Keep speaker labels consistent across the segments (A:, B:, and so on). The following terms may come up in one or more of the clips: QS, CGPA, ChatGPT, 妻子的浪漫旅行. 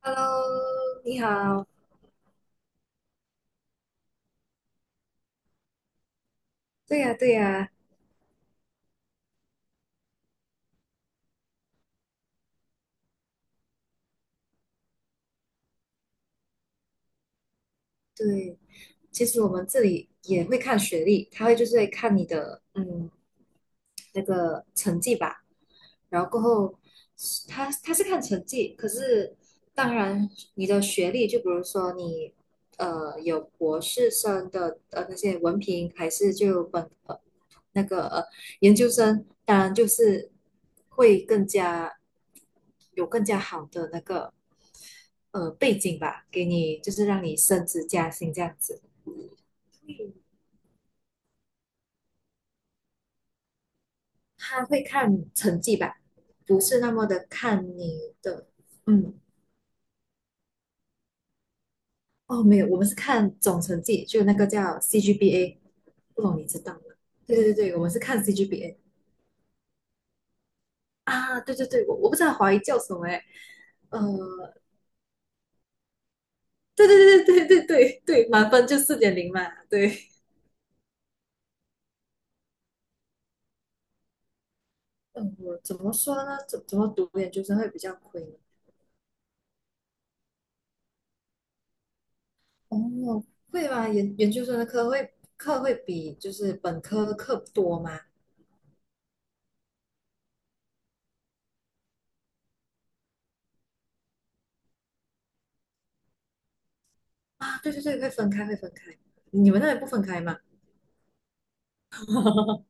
A: Hello，你好。对呀，对呀，对。其实我们这里也会看学历，他会就是会看你的那个成绩吧。然后过后他是看成绩，可是当然你的学历，就比如说你有博士生的那些文凭，还是就本那个研究生，当然就是会更加有更加好的那个背景吧，给你就是让你升职加薪这样子，他会看成绩吧，不是那么的看你的嗯。哦，没有，我们是看总成绩，就那个叫 c g b a 不懂你知道吗？对对对，我们是看 c g b a 啊，对对对，我不知道华语叫什么哎，呃，对对对对对对对对，满分就4.0嘛，对，嗯，我怎么说呢？怎么读研究生会比较亏呢？哦，会吧，研究生的课会比就是本科的课多吗？啊，对对对，会分开会分开，你们那里不分开吗？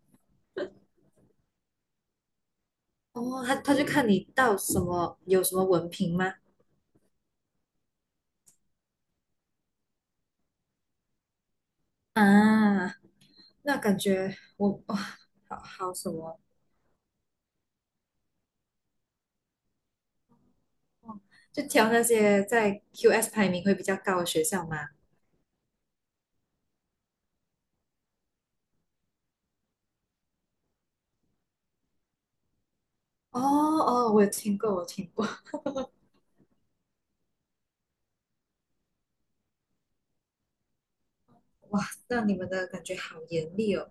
A: 哦，他就看你到什么有什么文凭吗？啊，那感觉我哇、好好什么哦，就挑那些在 QS 排名会比较高的学校嘛。哦哦，我有听过，我有听过。哇，那你们的感觉好严厉哦，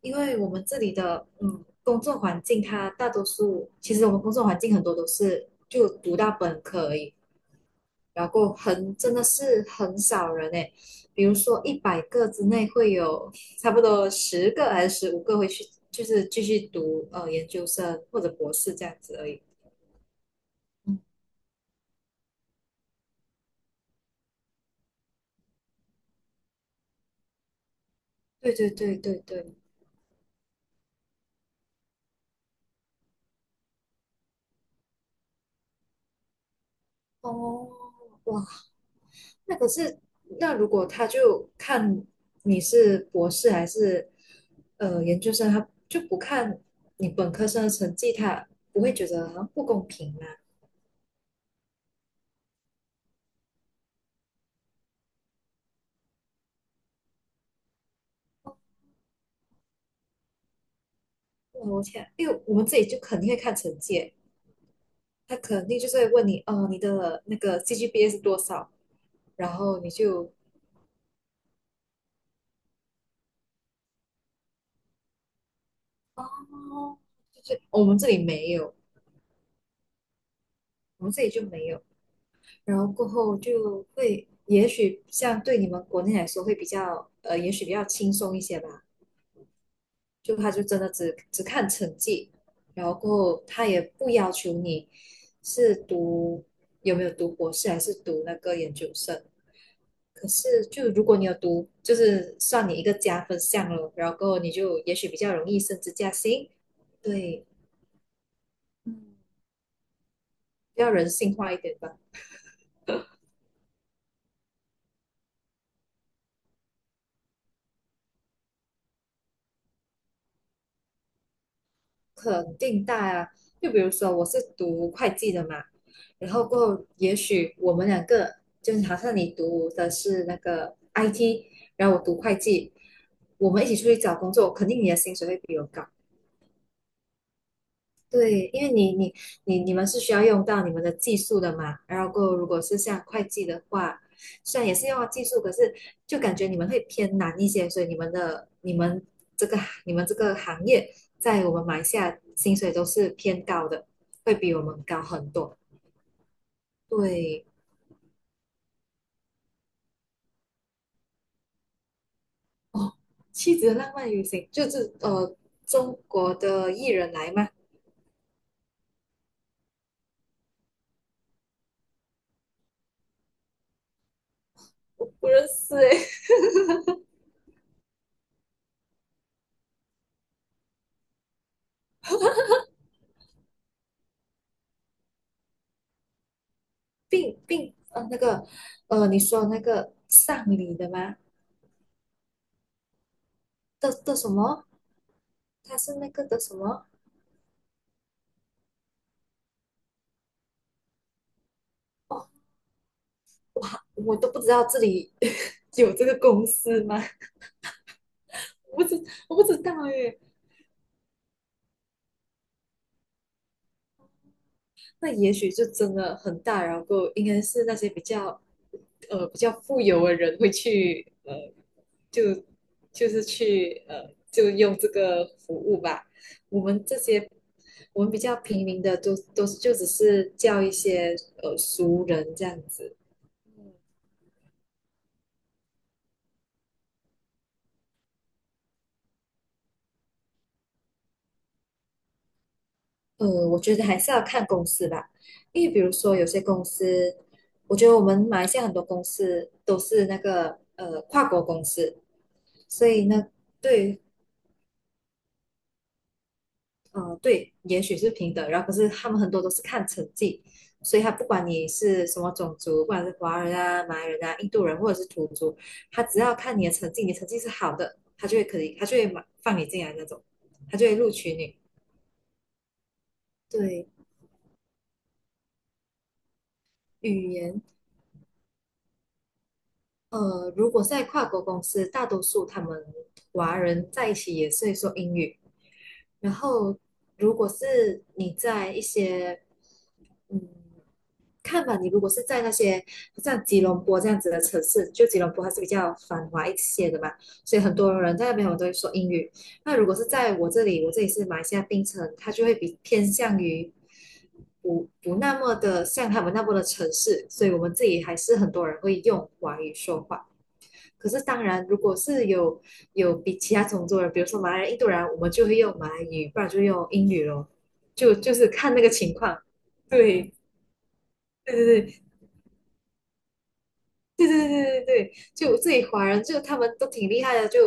A: 因为我们这里的工作环境，它大多数其实我们工作环境很多都是就读到本科而已，然后很真的是很少人诶，比如说100个之内会有差不多10个还是15个会去，就是继续读研究生或者博士这样子而已。嗯，对对对对对，哦，哇，那可是那如果他就看你是博士还是研究生，他就不看你本科生的成绩，他不会觉得好像不公平吗？哇我天，因为我们自己就肯定会看成绩欸他肯定就是会问你，哦，你的那个 CGPA 是多少？然后你就，哦，就是哦我们这里没有，我们这里就没有。然后过后就会，也许像对你们国内来说会比较，也许比较轻松一些吧。就他就真的只看成绩，然后过后他也不要求你是读有没有读博士还是读那个研究生，可是，就如果你有读，就是算你一个加分项了，然后你就也许比较容易升职加薪，对，比较人性化一点吧，肯定大啊。就比如说我是读会计的嘛，然后过后也许我们两个就是好像你读的是那个 IT，然后我读会计，我们一起出去找工作，肯定你的薪水会比我高对，因为你们是需要用到你们的技术的嘛，然后过后如果是像会计的话，虽然也是用到技术，可是就感觉你们会偏难一些，所以你们的你们这个你们这个行业在我们马来西亚薪水都是偏高的，会比我们高很多。对，哦，妻子的浪漫旅行就是中国的艺人来吗？我不认识诶，并并那个你说那个上礼的吗？的的什么？他是那个的什么？哦，我都不知道这里 有这个公司吗？我不知我不知道耶。那也许就真的很大，然后应该是那些比较比较富有的人会去就是去就用这个服务吧。我们这些我们比较平民的都就只是叫一些熟人这样子。我觉得还是要看公司吧，因为比如说有些公司，我觉得我们马来西亚很多公司都是那个跨国公司，所以呢，对，对，也许是平等，然后可是他们很多都是看成绩，所以他不管你是什么种族，不管是华人啊、马来人啊、印度人或者是土著，他只要看你的成绩，你成绩是好的，他就会可以，他就会马放你进来那种，他就会录取你。对，语言。如果在跨国公司，大多数他们华人在一起也是会说英语。然后，如果是你在一些，嗯，看吧，你如果是在那些像吉隆坡这样子的城市，就吉隆坡还是比较繁华一些的嘛，所以很多人在那边我都会说英语。那如果是在我这里，我这里是马来西亚槟城，它就会比偏向于不那么的像他们那么的城市，所以我们自己还是很多人会用华语说话。可是当然，如果是有比其他种族人，比如说马来人、印度人，我们就会用马来语，不然就用英语咯。就是看那个情况。对对对对对对对对对，就自己华人就他们都挺厉害的，就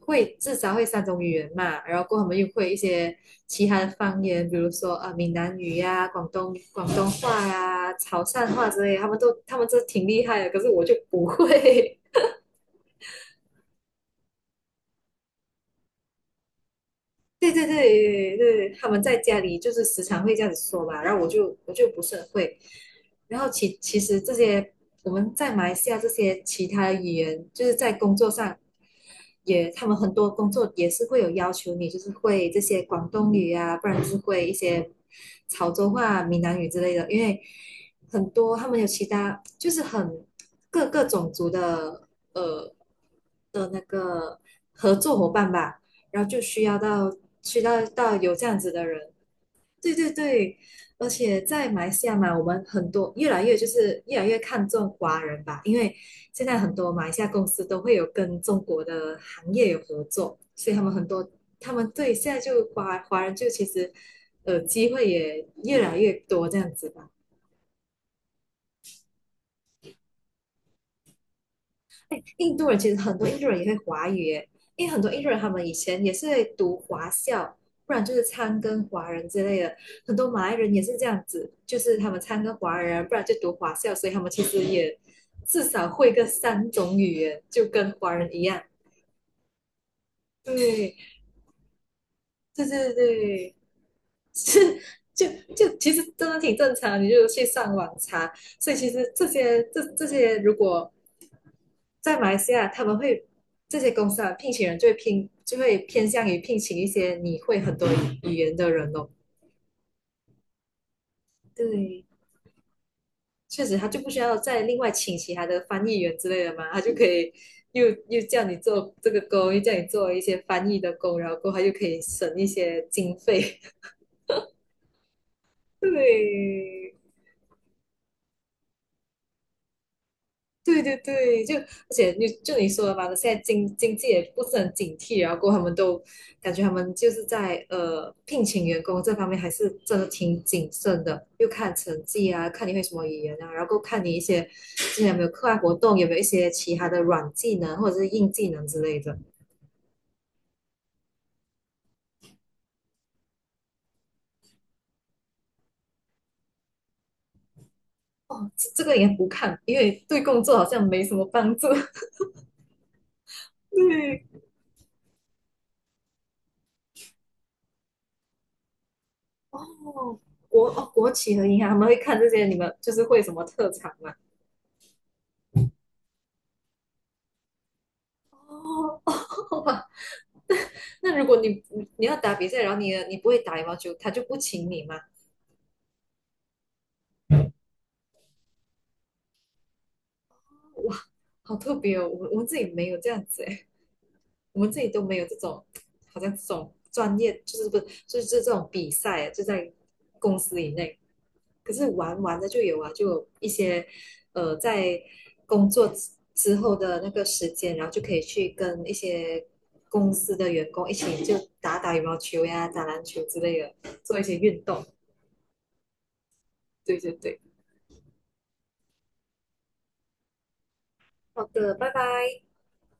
A: 会至少会三种语言嘛，然后过后他们又会一些其他的方言，比如说啊闽南语呀、广东话呀、潮汕话之类的他们都挺厉害的，可是我就不会。对对对对，他们在家里就是时常会这样子说嘛，然后我就不是很会，然后其实这些我们在马来西亚这些其他的语言，就是在工作上也，他们很多工作也是会有要求你，就是会这些广东语啊，不然就是会一些潮州话啊、闽南语之类的。因为很多他们有其他，就是很各个种族的呃的那个合作伙伴吧，然后就需要到有这样子的人，对对对，而且在马来西亚嘛，我们很多越来越看重华人吧，因为现在很多马来西亚公司都会有跟中国的行业有合作，所以他们很多他们对现在就华人就其实机会也越来越多这样子吧。印度人其实很多印度人也会华语耶，因为很多印度人他们以前也是会读华校，不然就是参跟华人之类的。很多马来人也是这样子，就是他们参跟华人，不然就读华校，所以他们其实也至少会个三种语言，就跟华人一样。对，对对对，是。就就其实真的挺正常，你就去上网查。所以其实这些这些，如果在马来西亚，他们会这些公司啊，聘请人就会就会偏向于聘请一些你会很多语言的人哦。对，确实他就不需要再另外请其他的翻译员之类的嘛，他就可以又叫你做这个工，又叫你做一些翻译的工，然后过后他就可以省一些经费。对，对对对，就而且你说的嘛，现在经济也不是很警惕，然后过后他们都感觉他们就是在聘请员工这方面还是真的挺谨慎的，又看成绩啊，看你会什么语言啊，然后看你一些之前有没有课外活动，有没有一些其他的软技能或者是硬技能之类的。哦，这个也不看，因为对工作好像没什么帮助。对，哦，国企和银行他们会看这些，你们就是会什么特长吗？哦，好吧。那如果你要打比赛，然后你不会打羽毛球，他就不请你吗？哇，好特别哦！我们这里没有这样子诶，我们这里都没有这种，好像这种专业就是不是就是这种比赛啊就在公司以内。可是玩玩的就有啊，就有一些在工作之后的那个时间，然后就可以去跟一些公司的员工一起就打打羽毛球呀、打篮球之类的，做一些运动。对对对，好的，拜拜。